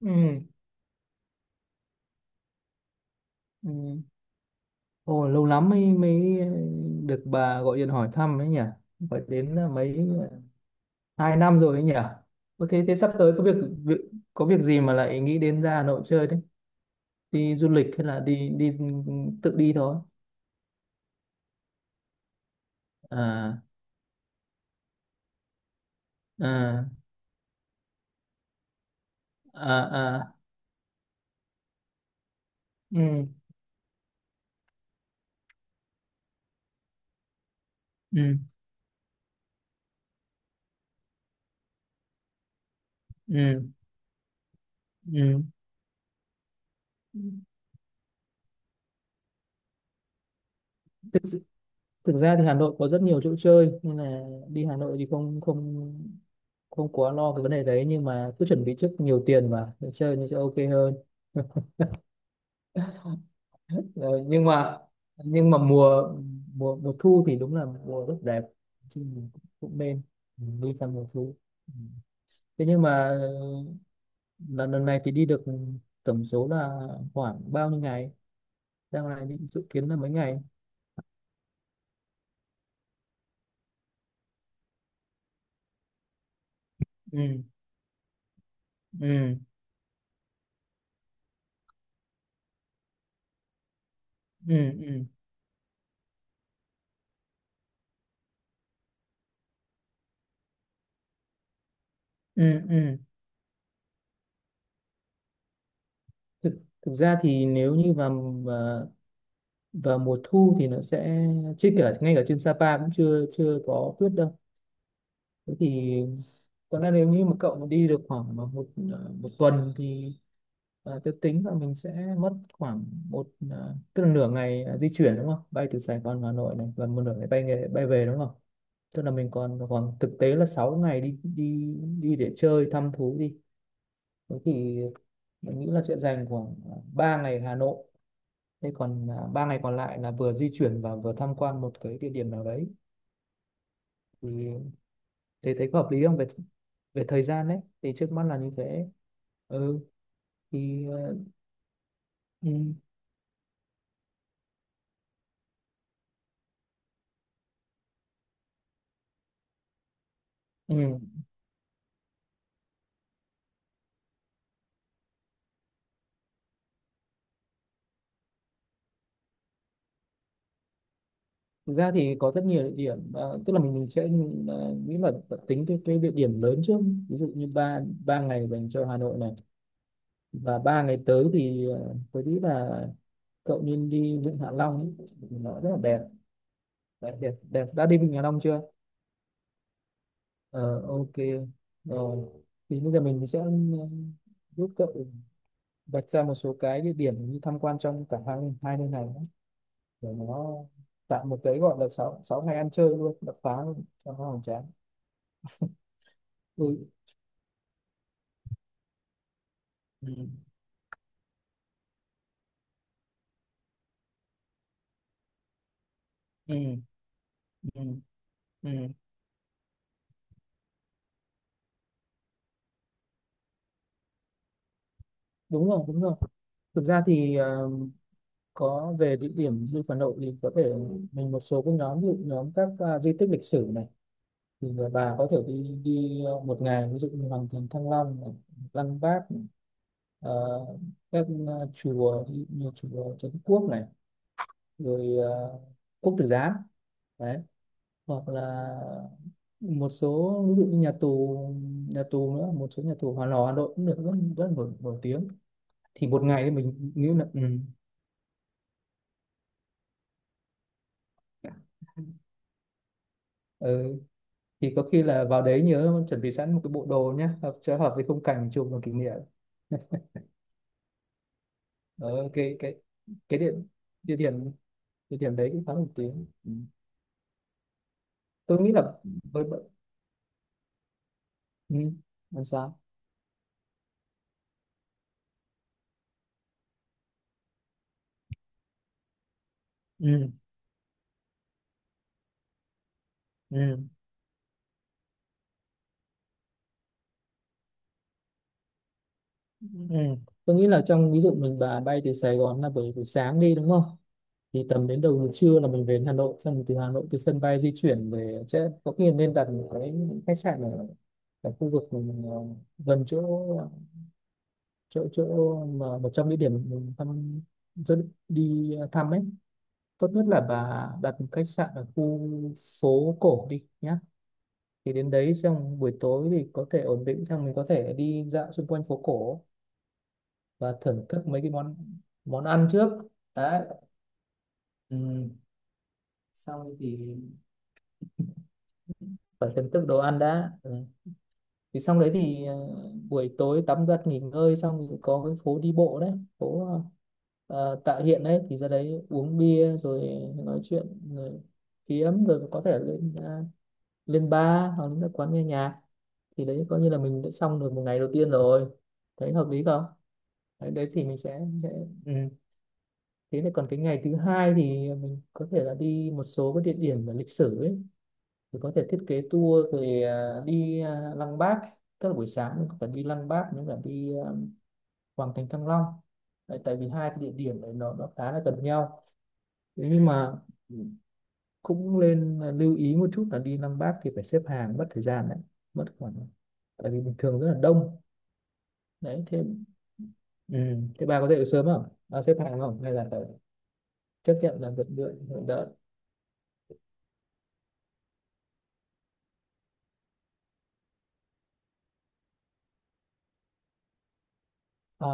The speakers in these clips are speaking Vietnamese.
Ừ. Ừ. Ồ, lâu lắm mới mới được bà gọi điện hỏi thăm ấy nhỉ. Phải đến là mấy à, 2 năm rồi ấy nhỉ. Có Thế thế sắp tới có việc, việc có việc gì mà lại nghĩ đến ra Hà Nội chơi đấy? Đi du lịch hay là đi đi tự đi thôi? À à à à. Ừ. Ừ. Ừ. Ừ. Tức thực ra thì Hà Nội có rất nhiều chỗ chơi nên là đi Hà Nội thì không không không quá lo cái vấn đề đấy, nhưng mà cứ chuẩn bị trước nhiều tiền mà để chơi nó sẽ ok hơn. Rồi, nhưng mà mùa mùa mùa thu thì đúng là mùa rất đẹp, chứ mình cũng cũng nên đi vào mùa thu. Ừ. Thế nhưng mà lần lần này thì đi được tổng số là khoảng bao nhiêu ngày, đang này định dự kiến là mấy ngày? Ừ ừ ừ ừ ừ ừ. thực Thực ra thì nếu như vào vào, vào mùa thu thì nó sẽ, chứ cả ngay cả trên Sapa cũng chưa chưa có tuyết đâu. Thế thì còn là nếu như mà cậu mà đi được khoảng mà 1 tuần thì tôi tính là mình sẽ mất khoảng tức là nửa ngày di chuyển đúng không, bay từ Sài Gòn vào Hà Nội này, và một nửa ngày bay nghề, bay về đúng không. Tức là mình còn khoảng thực tế là 6 ngày đi đi đi để chơi thăm thú đi. Thế thì mình nghĩ là sẽ dành khoảng 3 ngày Hà Nội. Thế còn 3 ngày còn lại là vừa di chuyển và vừa tham quan một cái địa điểm nào đấy, thì thế thấy có hợp lý không? Về về thời gian đấy thì trước mắt là như thế. Ừ thì ừ, ừ. Thực ra thì có rất nhiều địa điểm, tức là mình sẽ nghĩ là tính cái địa điểm lớn trước. Ví dụ như ba ba ngày dành cho Hà Nội này, và 3 ngày tới thì tôi nghĩ là cậu nên đi Vịnh Hạ Long ấy. Nó rất là đẹp, đẹp. Đã đi Vịnh Hạ Long chưa? Ờ, ok, rồi thì bây giờ mình sẽ giúp cậu vạch ra một số cái địa điểm như tham quan trong cả hai hai nơi này nhé. Để nó tạo một cái gọi là sáu sáu ngày ăn chơi luôn đập phá luôn cho nó hoành tráng. Ừ. Ừ. Ừ. Ừ. Ừ. Đúng rồi đúng rồi. Thực ra thì có về địa điểm du lịch Hà Nội thì có thể mình một số cái nhóm, ví dụ nhóm các di tích lịch sử này, thì bà có thể đi đi 1 ngày ví dụ như Hoàng thành Thăng Long này, Lăng Bác, ờ, các chùa ví dụ như chùa Trấn Quốc này, rồi Quốc Tử Giám đấy, hoặc là một số ví dụ như nhà tù nữa, một số nhà tù Hòa Lò Hà Nội cũng được, rất rất nổi, nổi tiếng. Thì 1 ngày thì mình nghĩ là ừ, thì có khi là vào đấy nhớ chuẩn bị sẵn một cái bộ đồ nhé, hợp hợp với khung cảnh chụp làm kỷ niệm, ở cái địa địa điểm địa điểm đấy cũng khá nổi tiếng. Ừ. Tôi nghĩ là với ừ. Làm sao. Ừ. Ừ. Ừ. Tôi nghĩ là trong ví dụ mình bà bay từ Sài Gòn là buổi buổi sáng đi đúng không? Thì tầm đến đầu giờ trưa là mình về đến Hà Nội, xong rồi từ Hà Nội từ sân bay di chuyển về sẽ có khi nên đặt một cái khách sạn ở khu vực mình, gần chỗ chỗ chỗ mà một trong địa điểm mình thăm, rất đi thăm ấy. Tốt nhất là bà đặt một khách sạn ở khu phố cổ đi nhá. Thì đến đấy xong buổi tối thì có thể ổn định xong mình có thể đi dạo xung quanh phố cổ và thưởng thức mấy cái món món ăn trước đã. Ừ. Xong thì phải thưởng thức đồ ăn đã. Ừ. Thì xong đấy thì buổi tối tắm giặt nghỉ ngơi xong thì có cái phố đi bộ đấy, phố Tạ Hiện đấy, thì ra đấy uống bia rồi nói chuyện, rồi kiếm rồi có thể lên lên bar hoặc là các quán nghe nhạc, thì đấy coi như là mình đã xong được một ngày đầu tiên rồi. Thấy hợp lý không? Đấy, đấy thì mình sẽ ừ. thế này còn cái ngày thứ hai thì mình có thể là đi một số cái địa điểm về lịch sử ấy, thì có thể thiết kế tour về đi Lăng Bác. Tức là buổi sáng mình có thể đi Lăng Bác nếu cả đi Hoàng Thành Thăng Long. Đấy, tại vì hai cái địa điểm này nó khá là gần nhau. Thế nhưng mà cũng nên lưu ý một chút là đi Lăng Bác thì phải xếp hàng mất thời gian đấy, mất khoảng, tại vì bình thường rất là đông. Đấy thế ừ. Thế bà có dậy được sớm không, bà xếp hàng không hay là phải chấp nhận là đợi đợi đợi đợi? Ờ,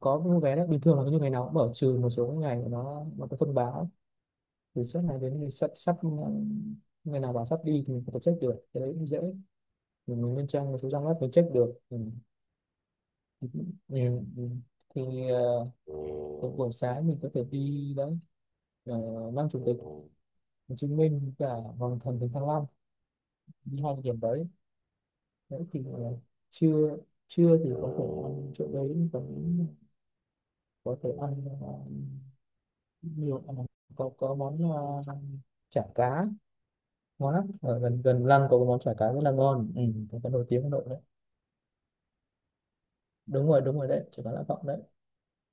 có mua vé đấy, bình thường là như ngày nào cũng mở, trừ một số cái ngày nó có thông báo từ trước này, đến thì sắp sắp ừ, ngày nào bảo sắp đi thì mình có thể check được, cái đấy cũng dễ, mình lên trang một số trang web mình check được. Ừ. Ừ. Ừ. Thì ờ, buổi sáng mình có thể đi đấy, Lăng Chủ tịch Hồ Chí Minh và Hoàng Thành Thánh Thăng Long, đi hai địa điểm đấy. Đấy thì trưa trưa thì có thể ăn chỗ đấy, còn có thể ăn uh, nhiều có món chả cá ngon lắm, ở gần gần lăng có cái món chả cá rất là ngon, ừ, có cái nổi tiếng Hà Nội đấy. Đúng rồi đúng rồi, đấy chả cá Lã Vọng đấy.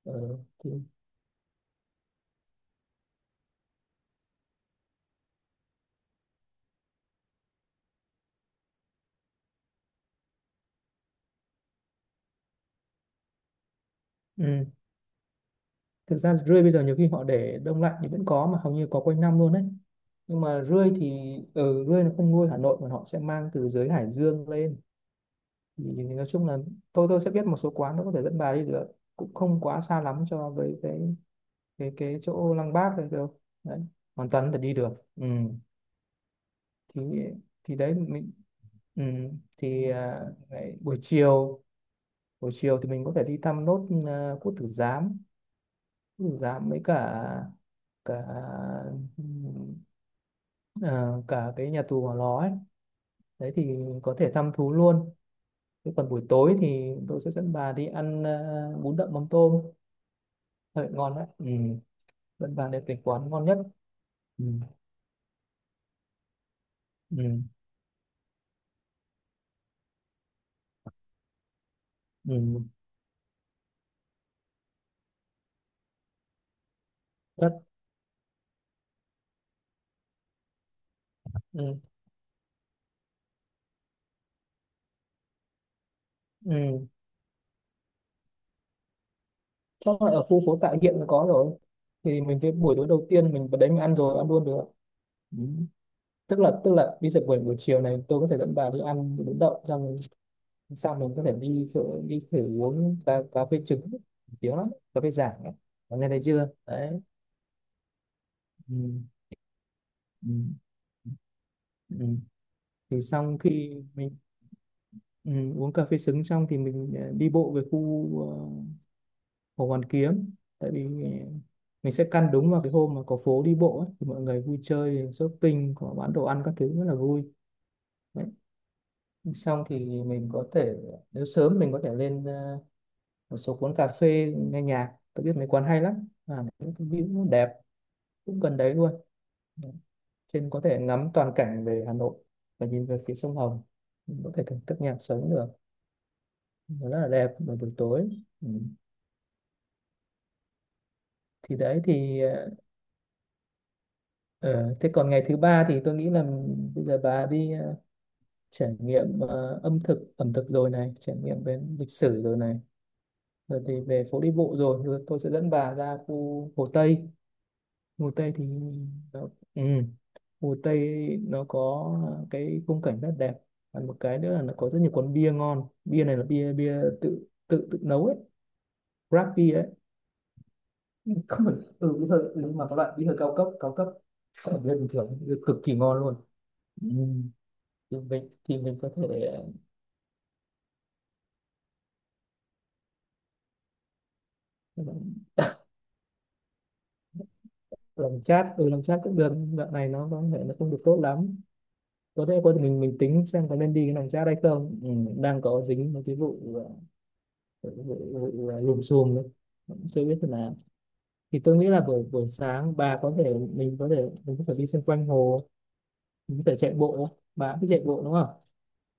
Ừ, thì, ừ. Thực ra rươi bây giờ nhiều khi họ để đông lạnh thì vẫn có, mà hầu như có quanh năm luôn đấy. Nhưng mà rươi thì ừ, rươi nó không nuôi Hà Nội mà họ sẽ mang từ dưới Hải Dương lên. Thì nói chung là tôi sẽ biết một số quán, nó có thể dẫn bà đi được, cũng không quá xa lắm cho với cái chỗ Lăng Bác này đâu. Đấy, hoàn toàn có thể đi được. Ừ. thì thì đấy mình ừ, thì à, Lại buổi chiều, buổi chiều thì mình có thể đi thăm nốt Quốc Tử Giám, với cả cả ừ, à, cả cái nhà tù Hỏa Lò ấy. Đấy thì có thể thăm thú luôn. Thế còn buổi tối thì tôi sẽ dẫn bà đi ăn bún đậm mắm tôm thật ngon đấy. Ừ. Dẫn bà đến cái quán ngon nhất. Ừ. Ừ. Ừ. Rất ừ. Ừ. Chắc là ở khu phố Tạ Hiện có rồi, thì mình cái buổi tối đầu tiên mình vào đấy mình ăn luôn được. Ừ. Tức là đi dậy buổi buổi chiều này tôi có thể dẫn bà đi ăn bún đậu, xong sau mình có thể đi thử uống cà phê trứng tiếng lắm, cà phê Giảng ấy. Bà nghe thấy chưa đấy. Ừ. Ừ. Ừ. Thì xong khi mình ừ, uống cà phê trứng xong thì mình đi bộ về khu Hồ Hoàn Kiếm, tại vì mình sẽ căn đúng vào cái hôm mà có phố đi bộ ấy, thì mọi người vui chơi shopping, có bán đồ ăn các thứ rất là vui. Đấy. Xong thì mình có thể, nếu sớm mình có thể lên một số quán cà phê nghe nhạc, tôi biết mấy quán hay lắm, những cái view nó đẹp, cũng gần đấy luôn. Đấy. Trên có thể ngắm toàn cảnh về Hà Nội và nhìn về phía sông Hồng, mình có thể thưởng thức nhạc sống được, nó rất là đẹp vào buổi tối. Ừ. thì đấy thì ờ, Ờ, thế còn ngày thứ ba thì tôi nghĩ là bây giờ bà đi trải nghiệm ờ, âm thực ẩm thực rồi này, trải nghiệm về lịch sử rồi này, rồi thì về phố đi bộ rồi, rồi tôi sẽ dẫn bà ra khu Hồ Tây. Hồ Tây thì nó, ừ, Hồ Tây nó có cái khung cảnh rất đẹp, và một cái nữa là nó có rất nhiều quán bia ngon, bia này là bia bia tự tự tự nấu ấy, craft bia ấy, không phải ừ, bí thư, ừ, nhưng mà có loại bia thư cao cấp, ở bên bình thường, bia cực kỳ ngon luôn. Ừ. Thì mình có thể ờ, làm chat, ừ làm chat cũng được, đoạn này nó có thể nó không được tốt lắm. Có thể mình tính xem có nên đi cái làm chat hay không, ừ, đang có dính một cái vụ ờ, vụ, vụ, vụ ờ, lùm xùm đấy. Cũng chưa biết thế nào. Thì tôi nghĩ là buổi buổi sáng bà có thể mình có thể đi xung quanh hồ, mình có thể chạy bộ, bà cũng thích chạy bộ đúng không.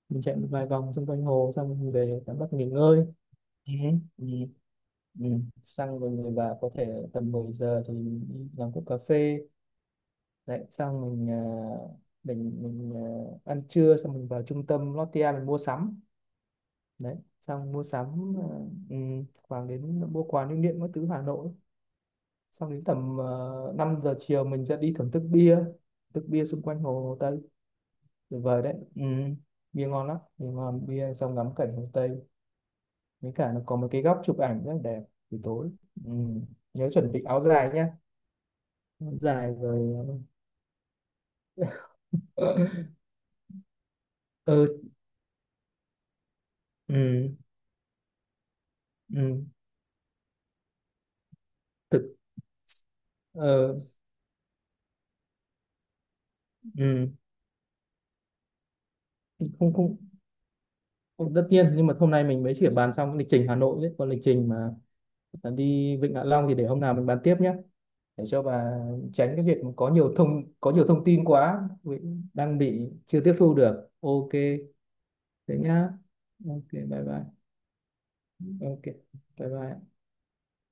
Mình chạy một vài vòng xung quanh hồ xong mình về tắm bắt nghỉ ngơi. Ừ. Ừ. Ừ. Xong rồi người bà có thể tầm 10 giờ thì đi làm cốc cà phê. Đấy, xong mình ăn trưa xong mình vào trung tâm Lotte mình mua sắm. Đấy, xong mua sắm ừ, khoảng đến mua quà lưu niệm các thứ Hà Nội, xong đến tầm 5 giờ chiều mình sẽ đi thưởng thức bia, xung quanh Hồ Tây, tuyệt vời đấy. Ừ. Bia ngon lắm, bia ngon bia xong ngắm cảnh Hồ Tây, với cả nó có một cái góc chụp ảnh rất là đẹp buổi tối. Ừ. Nhớ chuẩn bị áo dài nhé, áo dài rồi. ờ, ừ. Ừ. ừ, Thực ờ, ừ. không không không tất nhiên, nhưng mà hôm nay mình mới chỉ bàn xong cái lịch trình Hà Nội đấy, còn lịch trình mà đi Vịnh Hạ Long thì để hôm nào mình bàn tiếp nhé, để cho bà tránh cái việc mà có nhiều thông tin quá, vì đang bị chưa tiếp thu được. Ok, thế nhá. Ok, bye bye. Ok, bye bye.